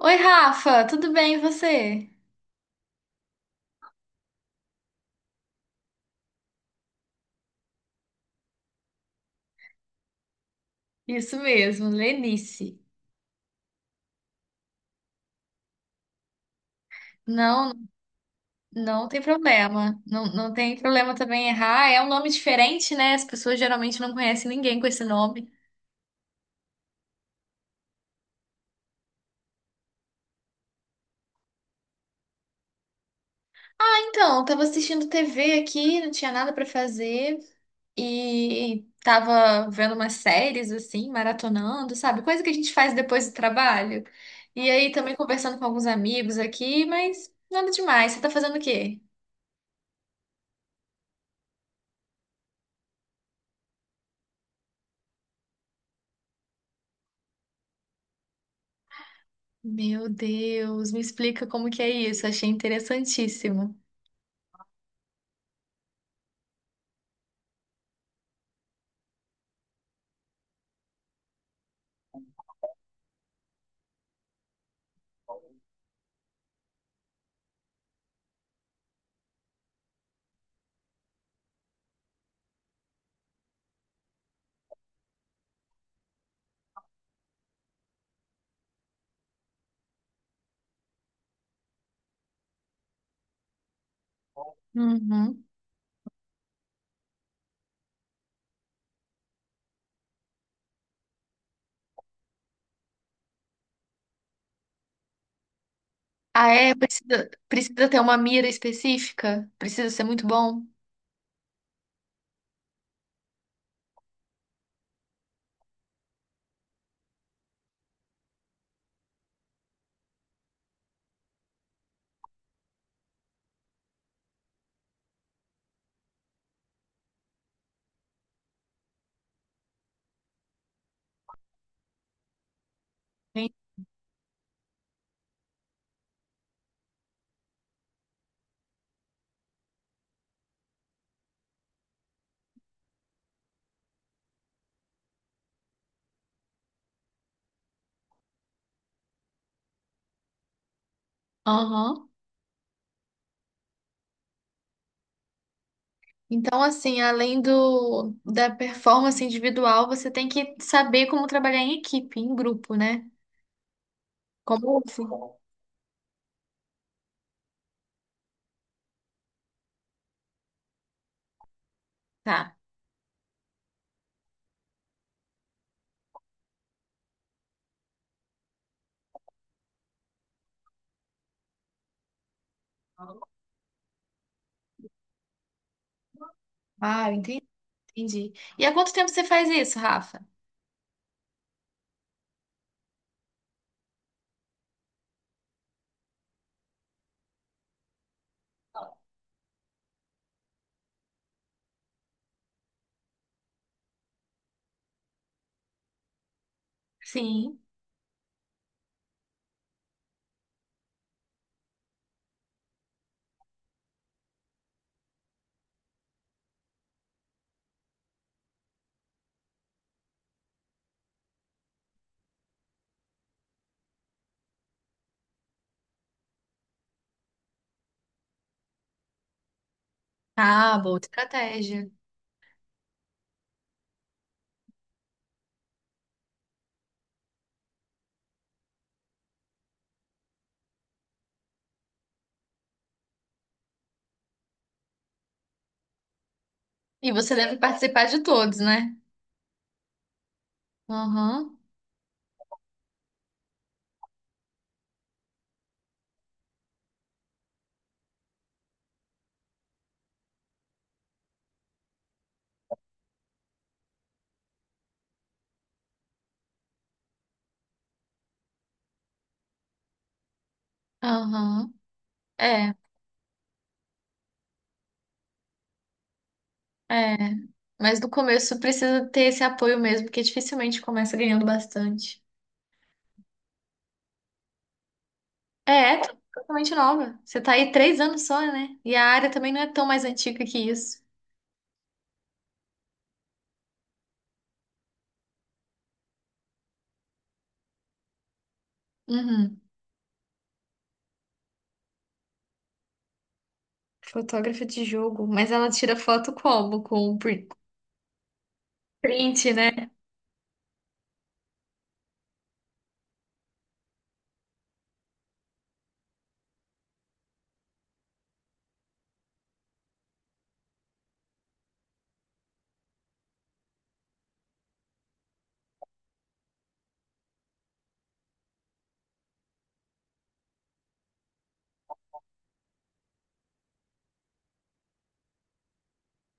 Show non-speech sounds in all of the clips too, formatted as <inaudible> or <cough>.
Oi, Rafa, tudo bem e você? Isso mesmo, Lenice. Não, não tem problema. Não, não tem problema também errar. É um nome diferente, né? As pessoas geralmente não conhecem ninguém com esse nome. Então, eu tava assistindo TV aqui, não tinha nada pra fazer e tava vendo umas séries assim, maratonando, sabe? Coisa que a gente faz depois do trabalho. E aí também conversando com alguns amigos aqui, mas nada demais. Você tá fazendo o quê? Meu Deus, me explica como que é isso. Achei interessantíssimo. Uhum. Ah, é? Precisa ter uma mira específica? Precisa ser muito bom? Sim. Aham. Então, assim, além do da performance individual, você tem que saber como trabalhar em equipe, em grupo, né? Como... Sim. Tá. Ah, entendi. Entendi. E há quanto tempo você faz isso, Rafa? Sim. Ah, boa estratégia. E você deve participar de todos, né? Aham, aham. É, é. Mas no começo precisa ter esse apoio mesmo, porque dificilmente começa ganhando bastante. É, é totalmente nova. Você tá aí três anos só, né? E a área também não é tão mais antiga que isso. Uhum. Fotógrafa de jogo. Mas ela tira foto como? Com print, print, né?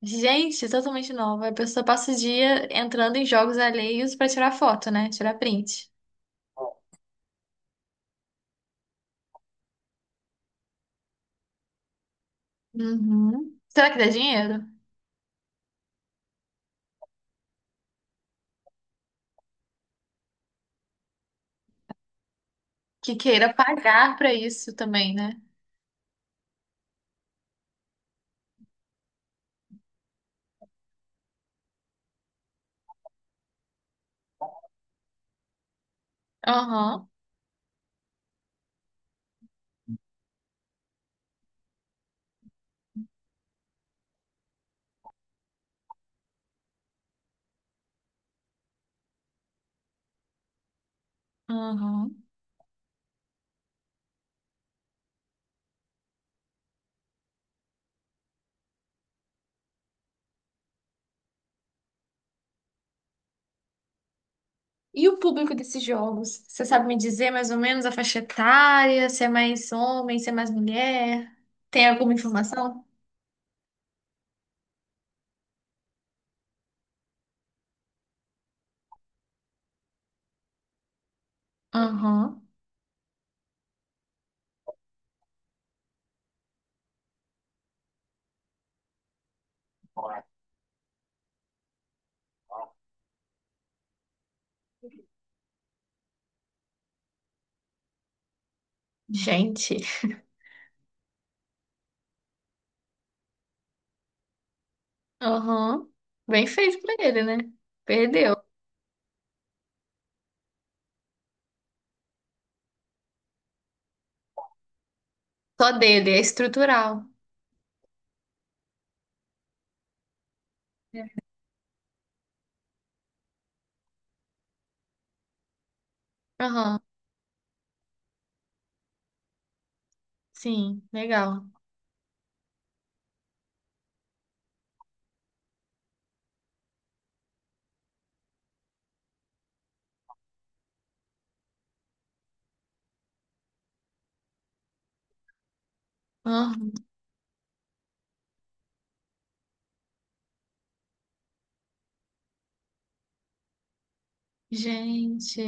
Gente, totalmente nova. A pessoa passa o dia entrando em jogos alheios pra tirar foto, né? Tirar print. Uhum. Será que dá dinheiro? Que queira pagar pra isso também, né? Aham. Aham. E o público desses jogos? Você sabe me dizer mais ou menos a faixa etária? Se é mais homem, se é mais mulher? Tem alguma informação? Aham. Gente. Aham. Bem feito pra ele, né? Perdeu. Só dele, é estrutural. Aham. Sim, legal. Aham. Gente.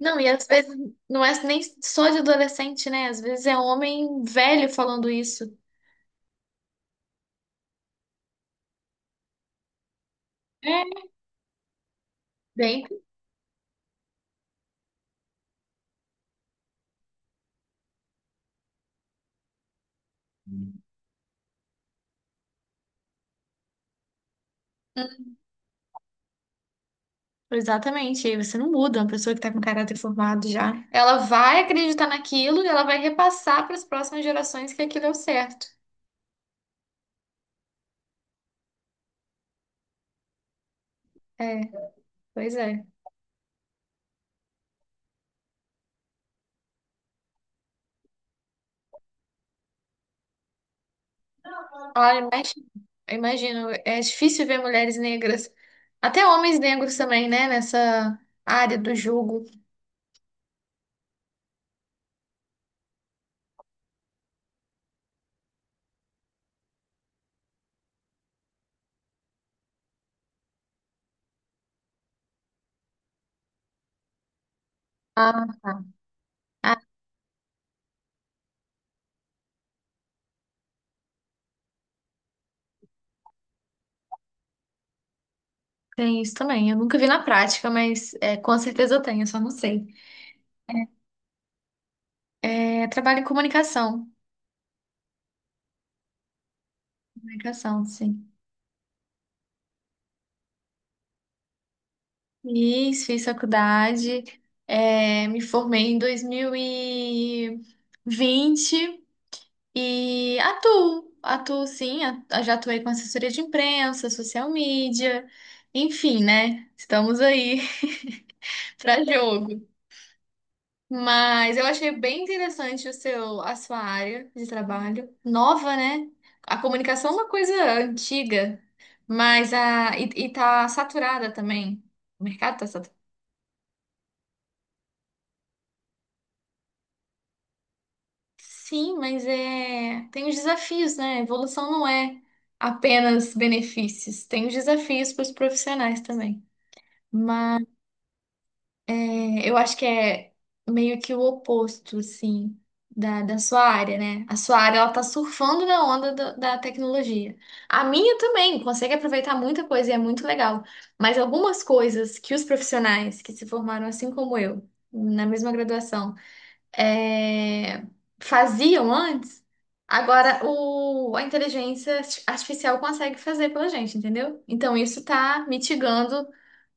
Não, e às vezes não é nem só de adolescente, né? Às vezes é homem velho falando isso. É. Bem. Exatamente, e aí você não muda, uma pessoa que está com caráter formado já. Ela vai acreditar naquilo e ela vai repassar para as próximas gerações que aquilo é o certo. É, pois é. Olha, imagino, imagino, é difícil ver mulheres negras, até homens negros também, né, nessa área do jogo. Ah, tá. Ah, tem isso também. Eu nunca vi na prática, mas é, com certeza eu tenho, eu só não sei. É, é trabalho em comunicação. Comunicação, sim. Fiz faculdade, me formei em 2020 e vinte e atuo sim, já atuei com assessoria de imprensa, social media, enfim, né? Estamos aí <laughs> para jogo. Mas eu achei bem interessante o seu, a sua área de trabalho, nova, né? A comunicação é uma coisa antiga, mas a, e tá saturada também. O mercado tá Sim, mas é... tem os desafios, né? A evolução não é apenas benefícios, tem os desafios para os profissionais também. Mas é, eu acho que é meio que o oposto, assim, da sua área, né? A sua área, ela tá surfando na onda da tecnologia. A minha também consegue aproveitar muita coisa e é muito legal. Mas algumas coisas que os profissionais que se formaram assim como eu, na mesma graduação, é, faziam antes, agora o, a inteligência artificial consegue fazer pela gente, entendeu? Então isso está mitigando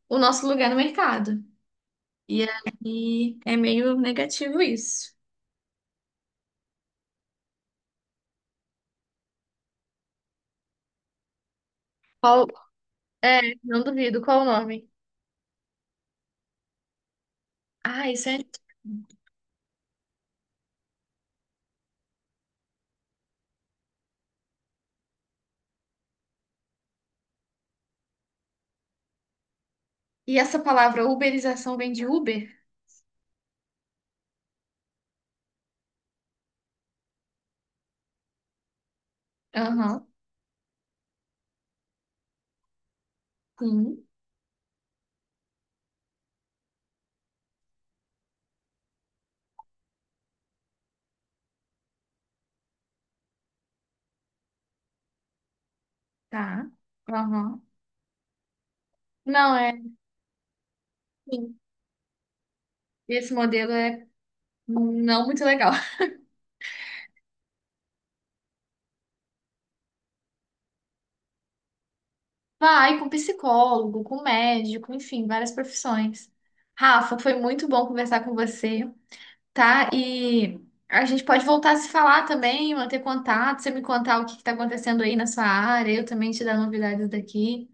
o nosso lugar no mercado. E aí é meio negativo isso. Qual, é, não duvido, qual o nome? Ah, isso é. E essa palavra uberização vem de Uber? Aham, sim, tá. Aham. Não, é. Sim. Esse modelo é não muito legal. Vai com psicólogo, com médico, enfim, várias profissões. Rafa, foi muito bom conversar com você, tá? E a gente pode voltar a se falar também, manter contato, você me contar o que está acontecendo aí na sua área, eu também te dar novidades daqui.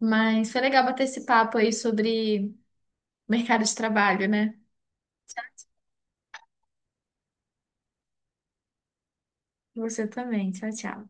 Mas foi legal bater esse papo aí sobre mercado de trabalho, né? Você também. Tchau, tchau.